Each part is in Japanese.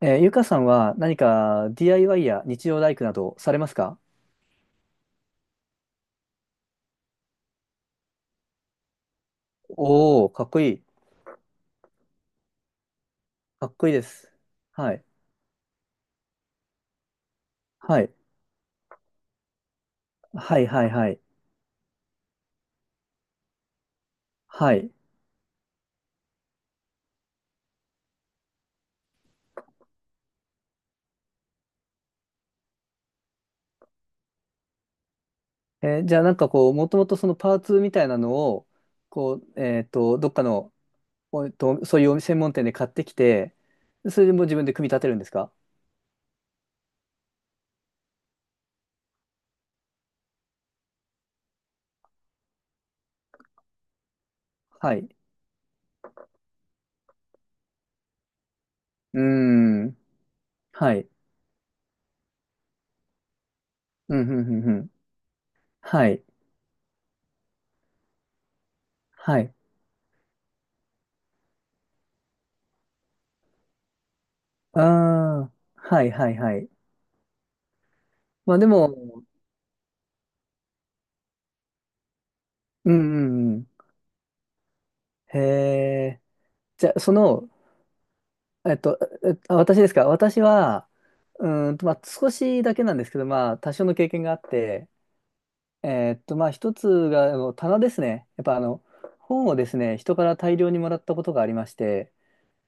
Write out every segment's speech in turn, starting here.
ゆかさんは何か DIY や日曜大工などされますか？おおー、かっこいい。かっこいいです。はい。はい。はいはいはい。はい。じゃあなんかこう、もともとそのパーツみたいなのを、こう、どっかの、おえっと、そういう専門店で買ってきて、それでもう自分で組み立てるんですか？はい。うーん。はい。うん、ふんふんふん。はい。はい。ああ、はいはいはい。まあでも、うんうんうん。へえ。じゃあ、その、えっと、私ですか？私は、まあ、少しだけなんですけど、まあ、多少の経験があって、まあ、一つが、あの、棚ですね。やっぱ、あの、本をですね、人から大量にもらったことがありまして、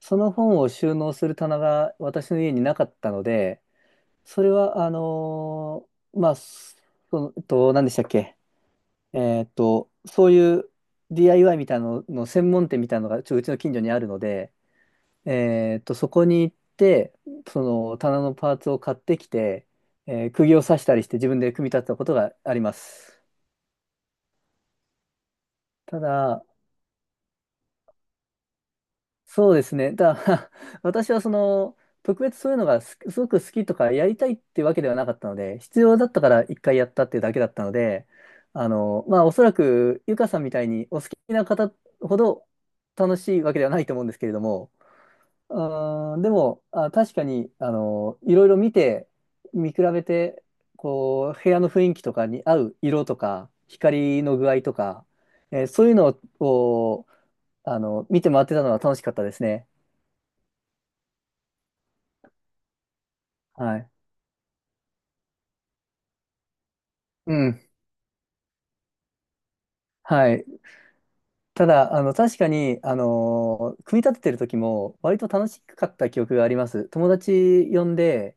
その本を収納する棚が私の家になかったので、それは、まあ、その、何でしたっけ？そういう DIY みたいなのの専門店みたいなのが、うちの近所にあるので、そこに行って、その棚のパーツを買ってきて、釘を刺したりして自分で組み立てたことがあります。ただ、そうですね。ただ、私はその、特別そういうのがすごく好きとかやりたいってわけではなかったので、必要だったから一回やったっていうだけだったので、あの、まあ、おそらく、ゆかさんみたいにお好きな方ほど楽しいわけではないと思うんですけれども、うん、でも、あ、確かに、あの、いろいろ見て、見比べて、こう、部屋の雰囲気とかに合う色とか、光の具合とか、そういうのを、あの、見て回ってたのは楽しかったですね。はい。うん。はい。ただ、あの、確かに、あの、組み立ててる時も、割と楽しかった記憶があります。友達呼んで、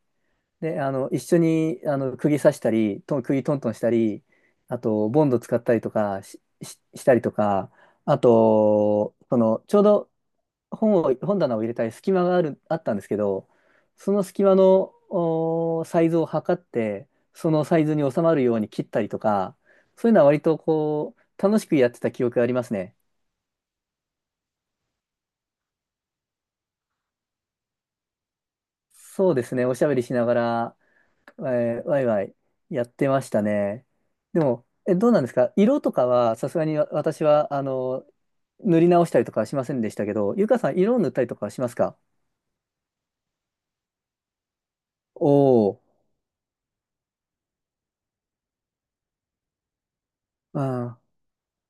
で、あの、一緒に、あの、釘刺したり、釘トントンしたり、あと、ボンド使ったりとかしたりとか、あと、その、ちょうど本棚を入れたり隙間があったんですけど、その隙間の、サイズを測って、そのサイズに収まるように切ったりとか、そういうのは割とこう、楽しくやってた記憶がありますね。そうですね、おしゃべりしながら、ワイワイやってましたね。でも、どうなんですか？色とかは、さすがに私は、あの、塗り直したりとかはしませんでしたけど、ゆかさん、色を塗ったりとかはしますか？おおー、あー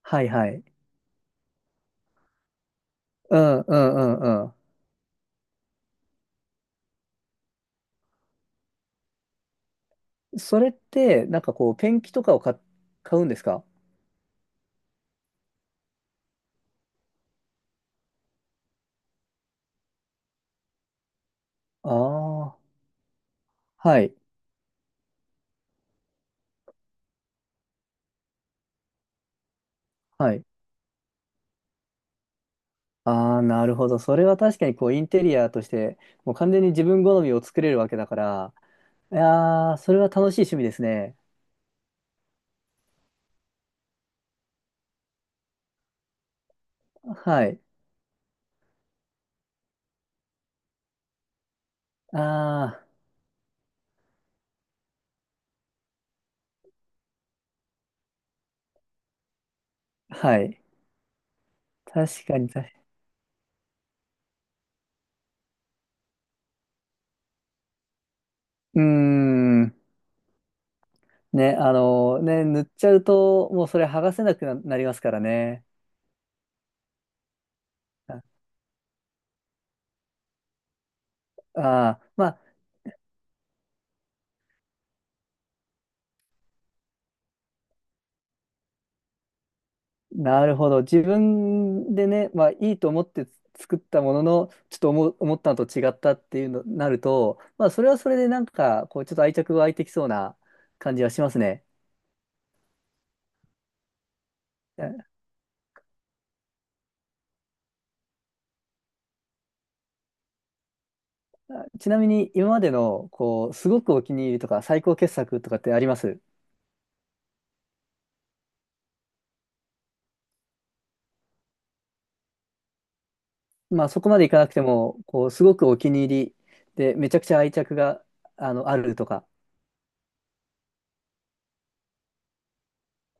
はいはい。うんうんうんうん。それって、なんかこう、ペンキとかを買うんですか？ああー、はい、はい。ああ、なるほど。それは確かにこう、インテリアとして、もう完全に自分好みを作れるわけだから、いやー、それは楽しい趣味ですね。はい。ああ。はい。確かに、確かに。うーん。ね、ね、塗っちゃうと、もうそれ剥がせなくなりますからね。ああー、まあ、なるほど。自分でね、まあ、いいと思って作ったものの、ちょっと思ったのと違ったっていうのになると、まあ、それはそれでなんか、こう、ちょっと愛着が湧いてきそうな感じはしますね。あちなみに、今までの、こう、すごくお気に入りとか、最高傑作とかってあります？まあそこまでいかなくても、こう、すごくお気に入りで、めちゃくちゃ愛着が、あの、あるとか。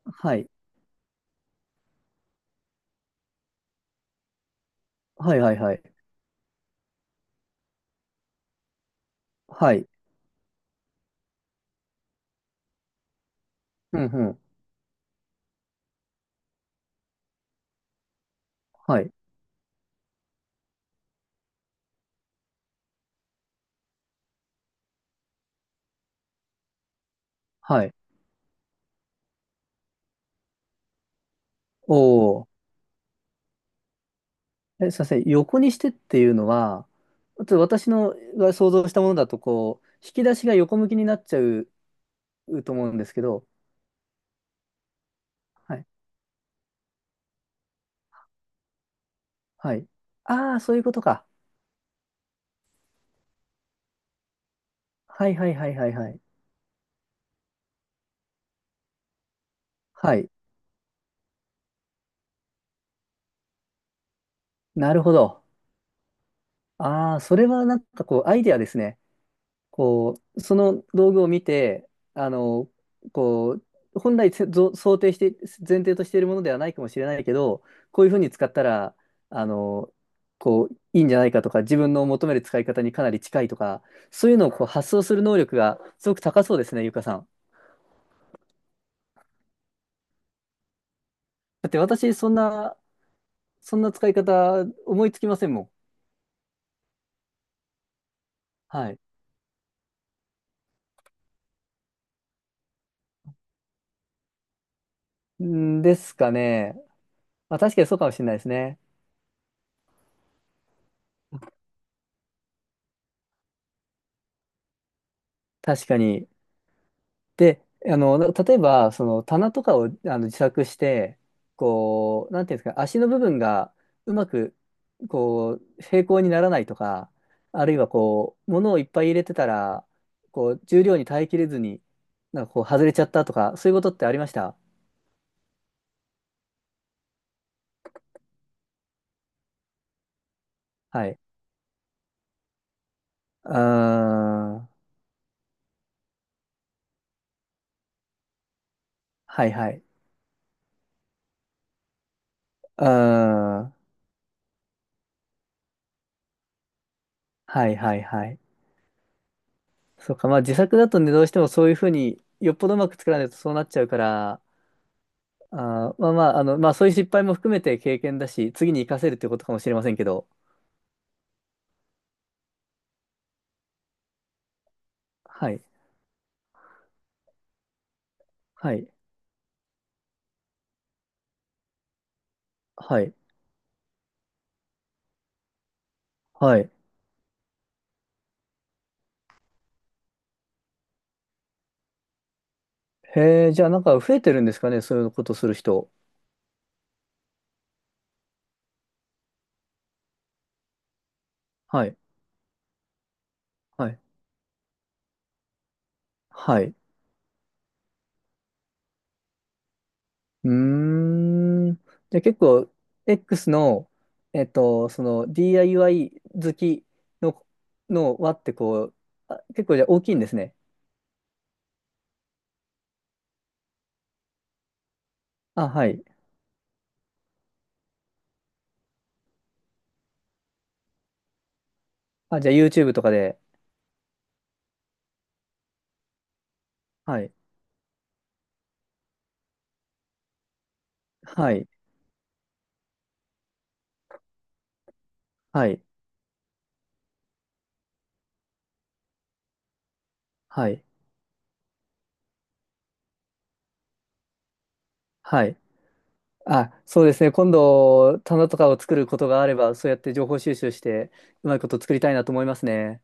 はい。はいはいはい。はい。うんうん。はい。はい。おお。すいません。横にしてっていうのは、ちょっと私のが想像したものだと、こう、引き出しが横向きになっちゃうと思うんですけど、はい。はい。ああ、そういうことか。はいはいはいはいはい。はい。なるほど。ああ、それはなんかこう、アイデアですね。こう、その道具を見て、あの、こう、本来想定して、前提としているものではないかもしれないけど、こういうふうに使ったら、あの、こう、いいんじゃないかとか、自分の求める使い方にかなり近いとか、そういうのをこう発想する能力がすごく高そうですね、ゆかさん。だって私、そんな使い方思いつきませんもん。はい。んですかね。まあ、確かにそうかもしれないですね。確かに。で、あの、例えば、その棚とかをあの自作して、こう、なんていうんですか、足の部分がうまく、こう、平行にならないとか、あるいはこう、物をいっぱい入れてたら、こう、重量に耐えきれずに、なんかこう、外れちゃったとか、そういうことってありました？はい。うーん。はいはい。うーん。はいはいはい。そうか、まあ自作だとね、どうしてもそういうふうに、よっぽどうまく作らないとそうなっちゃうから、あー、まあまあ、あの、まあそういう失敗も含めて経験だし、次に活かせるってことかもしれませんけど。はい。はい。はい。はい。へえ、じゃあなんか増えてるんですかね、そういうことする人。はい。はい。はい。うーん。じゃあ結構、X の、その DIY 好きの、の輪ってこう、あ、結構じゃあ大きいんですね。あ、はい。あ、じゃあ YouTube とかで。はい。はい。はい。はい。はい。あ、そうですね。今度、棚とかを作ることがあれば、そうやって情報収集して、うまいこと作りたいなと思いますね。